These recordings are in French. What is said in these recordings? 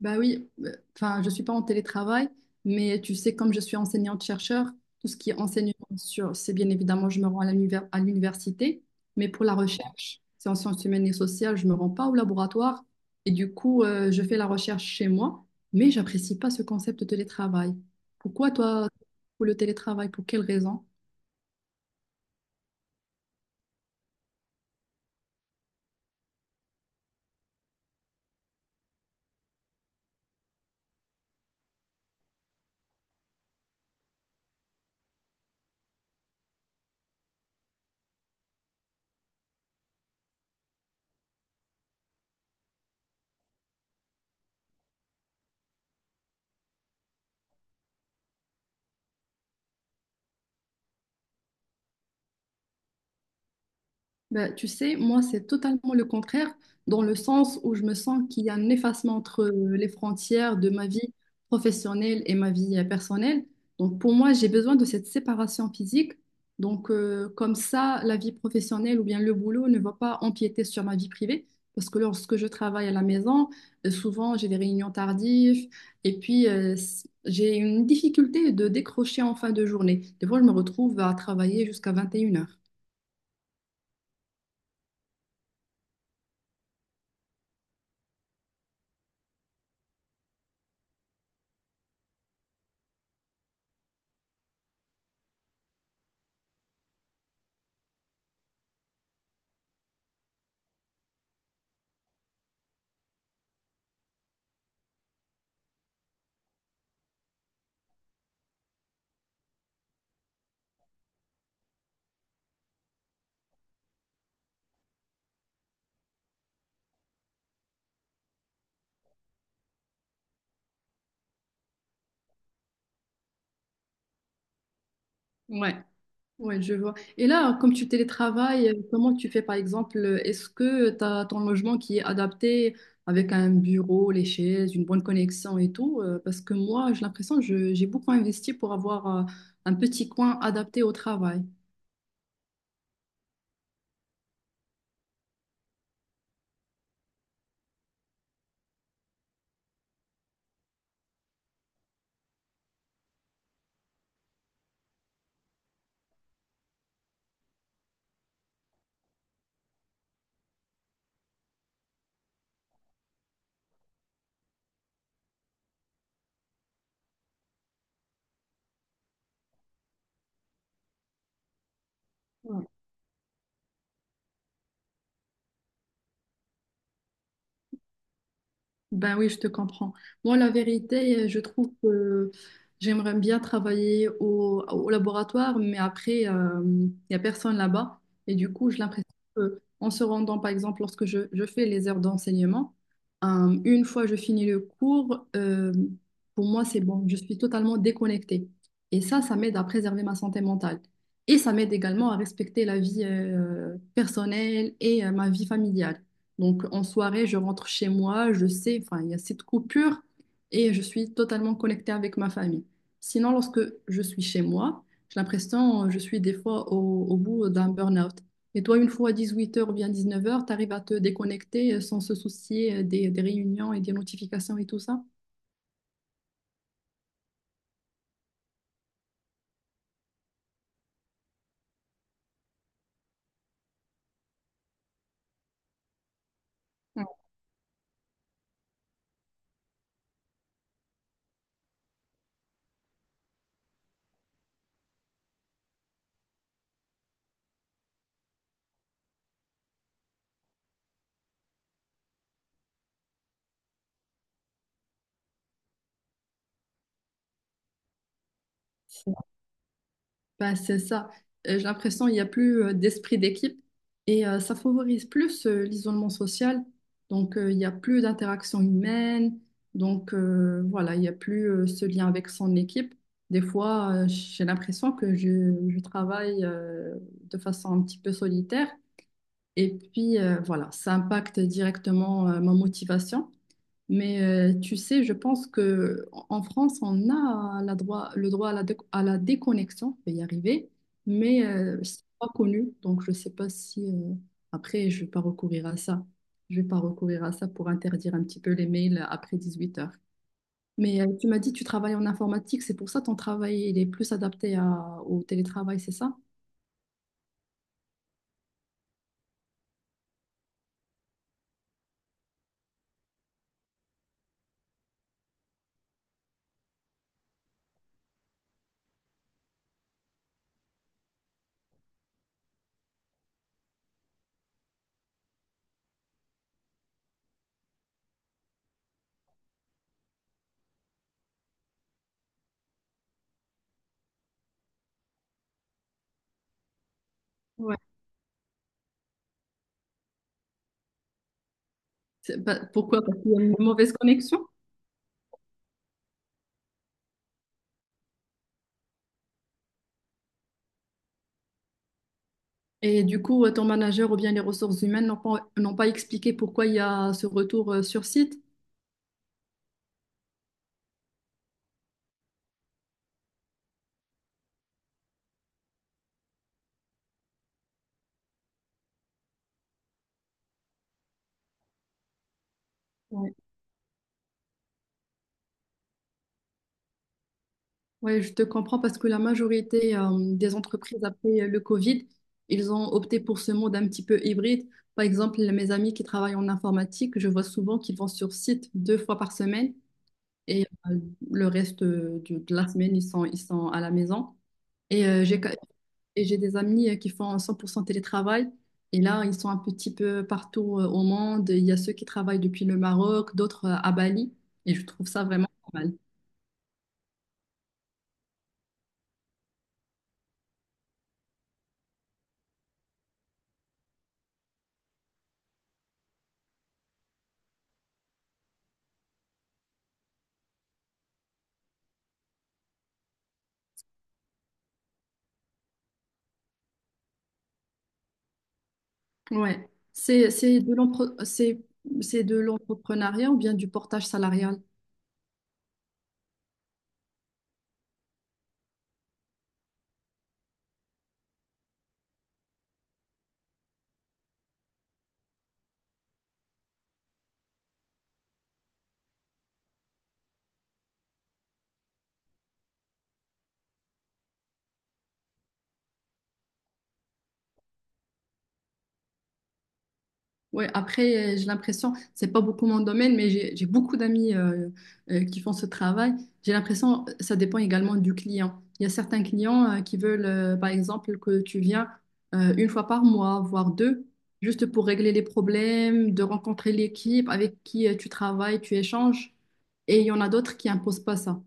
Bah oui, enfin, je suis pas en télétravail, mais tu sais, comme je suis enseignante-chercheur, tout ce qui est enseignement sur, c'est bien évidemment, je me rends à l'université, mais pour la recherche, c'est en sciences humaines et sociales, je me rends pas au laboratoire, et du coup, je fais la recherche chez moi, mais j'apprécie pas ce concept de télétravail. Pourquoi toi, pour le télétravail, pour quelle raison? Ben, tu sais, moi, c'est totalement le contraire, dans le sens où je me sens qu'il y a un effacement entre les frontières de ma vie professionnelle et ma vie personnelle. Donc, pour moi, j'ai besoin de cette séparation physique. Donc, comme ça, la vie professionnelle ou bien le boulot ne va pas empiéter sur ma vie privée. Parce que lorsque je travaille à la maison, souvent, j'ai des réunions tardives. Et puis, j'ai une difficulté de décrocher en fin de journée. Des fois, je me retrouve à travailler jusqu'à 21 heures. Ouais. Ouais, je vois. Et là, comme tu télétravailles, comment tu fais par exemple? Est-ce que tu as ton logement qui est adapté avec un bureau, les chaises, une bonne connexion et tout? Parce que moi, j'ai l'impression que j'ai beaucoup investi pour avoir un petit coin adapté au travail. Ben oui, je te comprends. Moi, la vérité, je trouve que j'aimerais bien travailler au, au laboratoire, mais après, il n'y a personne là-bas. Et du coup, j'ai l'impression que, en se rendant, par exemple, lorsque je fais les heures d'enseignement, une fois je finis le cours, pour moi, c'est bon. Je suis totalement déconnectée. Et ça m'aide à préserver ma santé mentale. Et ça m'aide également à respecter la vie, personnelle et, ma vie familiale. Donc en soirée, je rentre chez moi, je sais, enfin, il y a cette coupure et je suis totalement connectée avec ma famille. Sinon, lorsque je suis chez moi, j'ai l'impression je suis des fois au, au bout d'un burn-out. Et toi, une fois à 18 heures ou bien 19 heures, tu arrives à te déconnecter sans se soucier des réunions et des notifications et tout ça? Ouais. Bah, c'est ça. J'ai l'impression qu'il n'y a plus d'esprit d'équipe et ça favorise plus l'isolement social. Donc, il n'y a plus d'interaction humaine. Donc, voilà, il n'y a plus ce lien avec son équipe. Des fois, j'ai l'impression que je travaille de façon un petit peu solitaire. Et puis, voilà, ça impacte directement ma motivation. Mais tu sais, je pense que en France, on a la droit, le droit à la, à la déconnexion, je vais y arriver, mais c'est pas connu, donc je sais pas si après je vais pas recourir à ça. Je vais pas recourir à ça pour interdire un petit peu les mails après 18 heures. Mais tu m'as dit que tu travailles en informatique, c'est pour ça ton travail il est plus adapté au télétravail, c'est ça? Ouais. Bah, pourquoi? Parce qu'il y a une mauvaise connexion? Et du coup, ton manager ou bien les ressources humaines n'ont pas expliqué pourquoi il y a ce retour sur site. Ouais. Ouais, je te comprends parce que la majorité des entreprises après le Covid, ils ont opté pour ce mode un petit peu hybride. Par exemple, mes amis qui travaillent en informatique, je vois souvent qu'ils vont sur site 2 fois par semaine et le reste de la semaine, ils sont à la maison. Et et j'ai des amis qui font 100% télétravail. Et là, ils sont un petit peu partout au monde. Il y a ceux qui travaillent depuis le Maroc, d'autres à Bali. Et je trouve ça vraiment pas mal. Ouais. C'est de l'entrepreneuriat ou bien du portage salarial? Ouais, après, j'ai l'impression, c'est pas beaucoup mon domaine, mais j'ai beaucoup d'amis qui font ce travail. J'ai l'impression, ça dépend également du client. Il y a certains clients qui veulent, par exemple, que tu viens une fois par mois, voire deux, juste pour régler les problèmes, de rencontrer l'équipe avec qui tu travailles, tu échanges. Et il y en a d'autres qui imposent pas ça.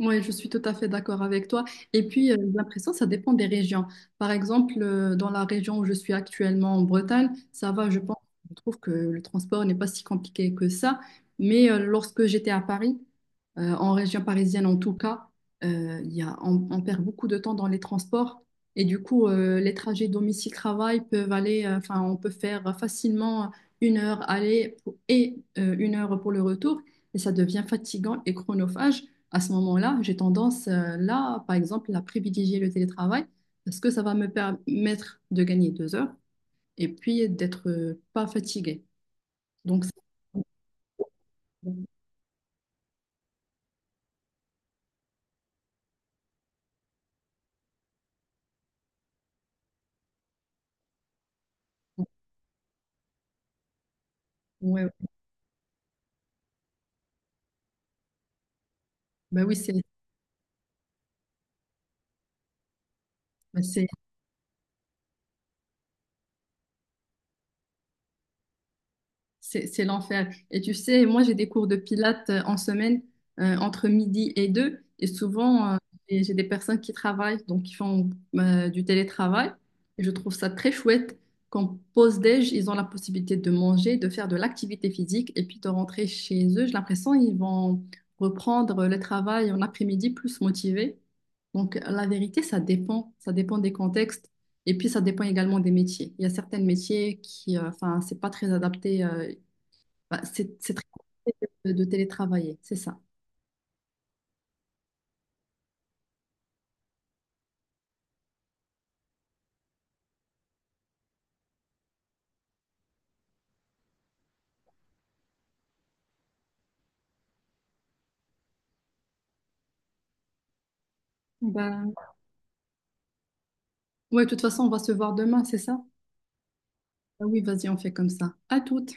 Oui, je suis tout à fait d'accord avec toi. Et puis, j'ai l'impression, ça dépend des régions. Par exemple, dans la région où je suis actuellement en Bretagne, ça va, je pense, je trouve que le transport n'est pas si compliqué que ça. Mais lorsque j'étais à Paris, en région parisienne en tout cas, il y a, on perd beaucoup de temps dans les transports. Et du coup, les trajets domicile-travail peuvent aller, enfin, on peut faire facilement 1 heure aller pour- et une heure pour le retour. Et ça devient fatigant et chronophage à ce moment-là, j'ai tendance, là, par exemple, à privilégier le télétravail parce que ça va me permettre de gagner 2 heures et puis d'être pas fatiguée. Donc, c'est- ouais, ouais. Bah oui, bah, c'est- c'est l'enfer. Et tu sais, moi, j'ai des cours de pilates en semaine entre midi et deux. Et souvent, et j'ai des personnes qui travaillent, donc qui font du télétravail. Et je trouve ça très chouette. Qu'en pause-déj, ils ont la possibilité de manger, de faire de l'activité physique et puis de rentrer chez eux. J'ai l'impression qu'ils vont reprendre le travail en après-midi plus motivés. Donc, la vérité, ça dépend. Ça dépend des contextes. Et puis, ça dépend également des métiers. Il y a certains métiers qui, enfin, c'est pas très adapté. Bah, c'est très compliqué de télétravailler, c'est ça. Bah, ouais, de toute façon, on va se voir demain, c'est ça? Ah oui, vas-y, on fait comme ça. À toutes.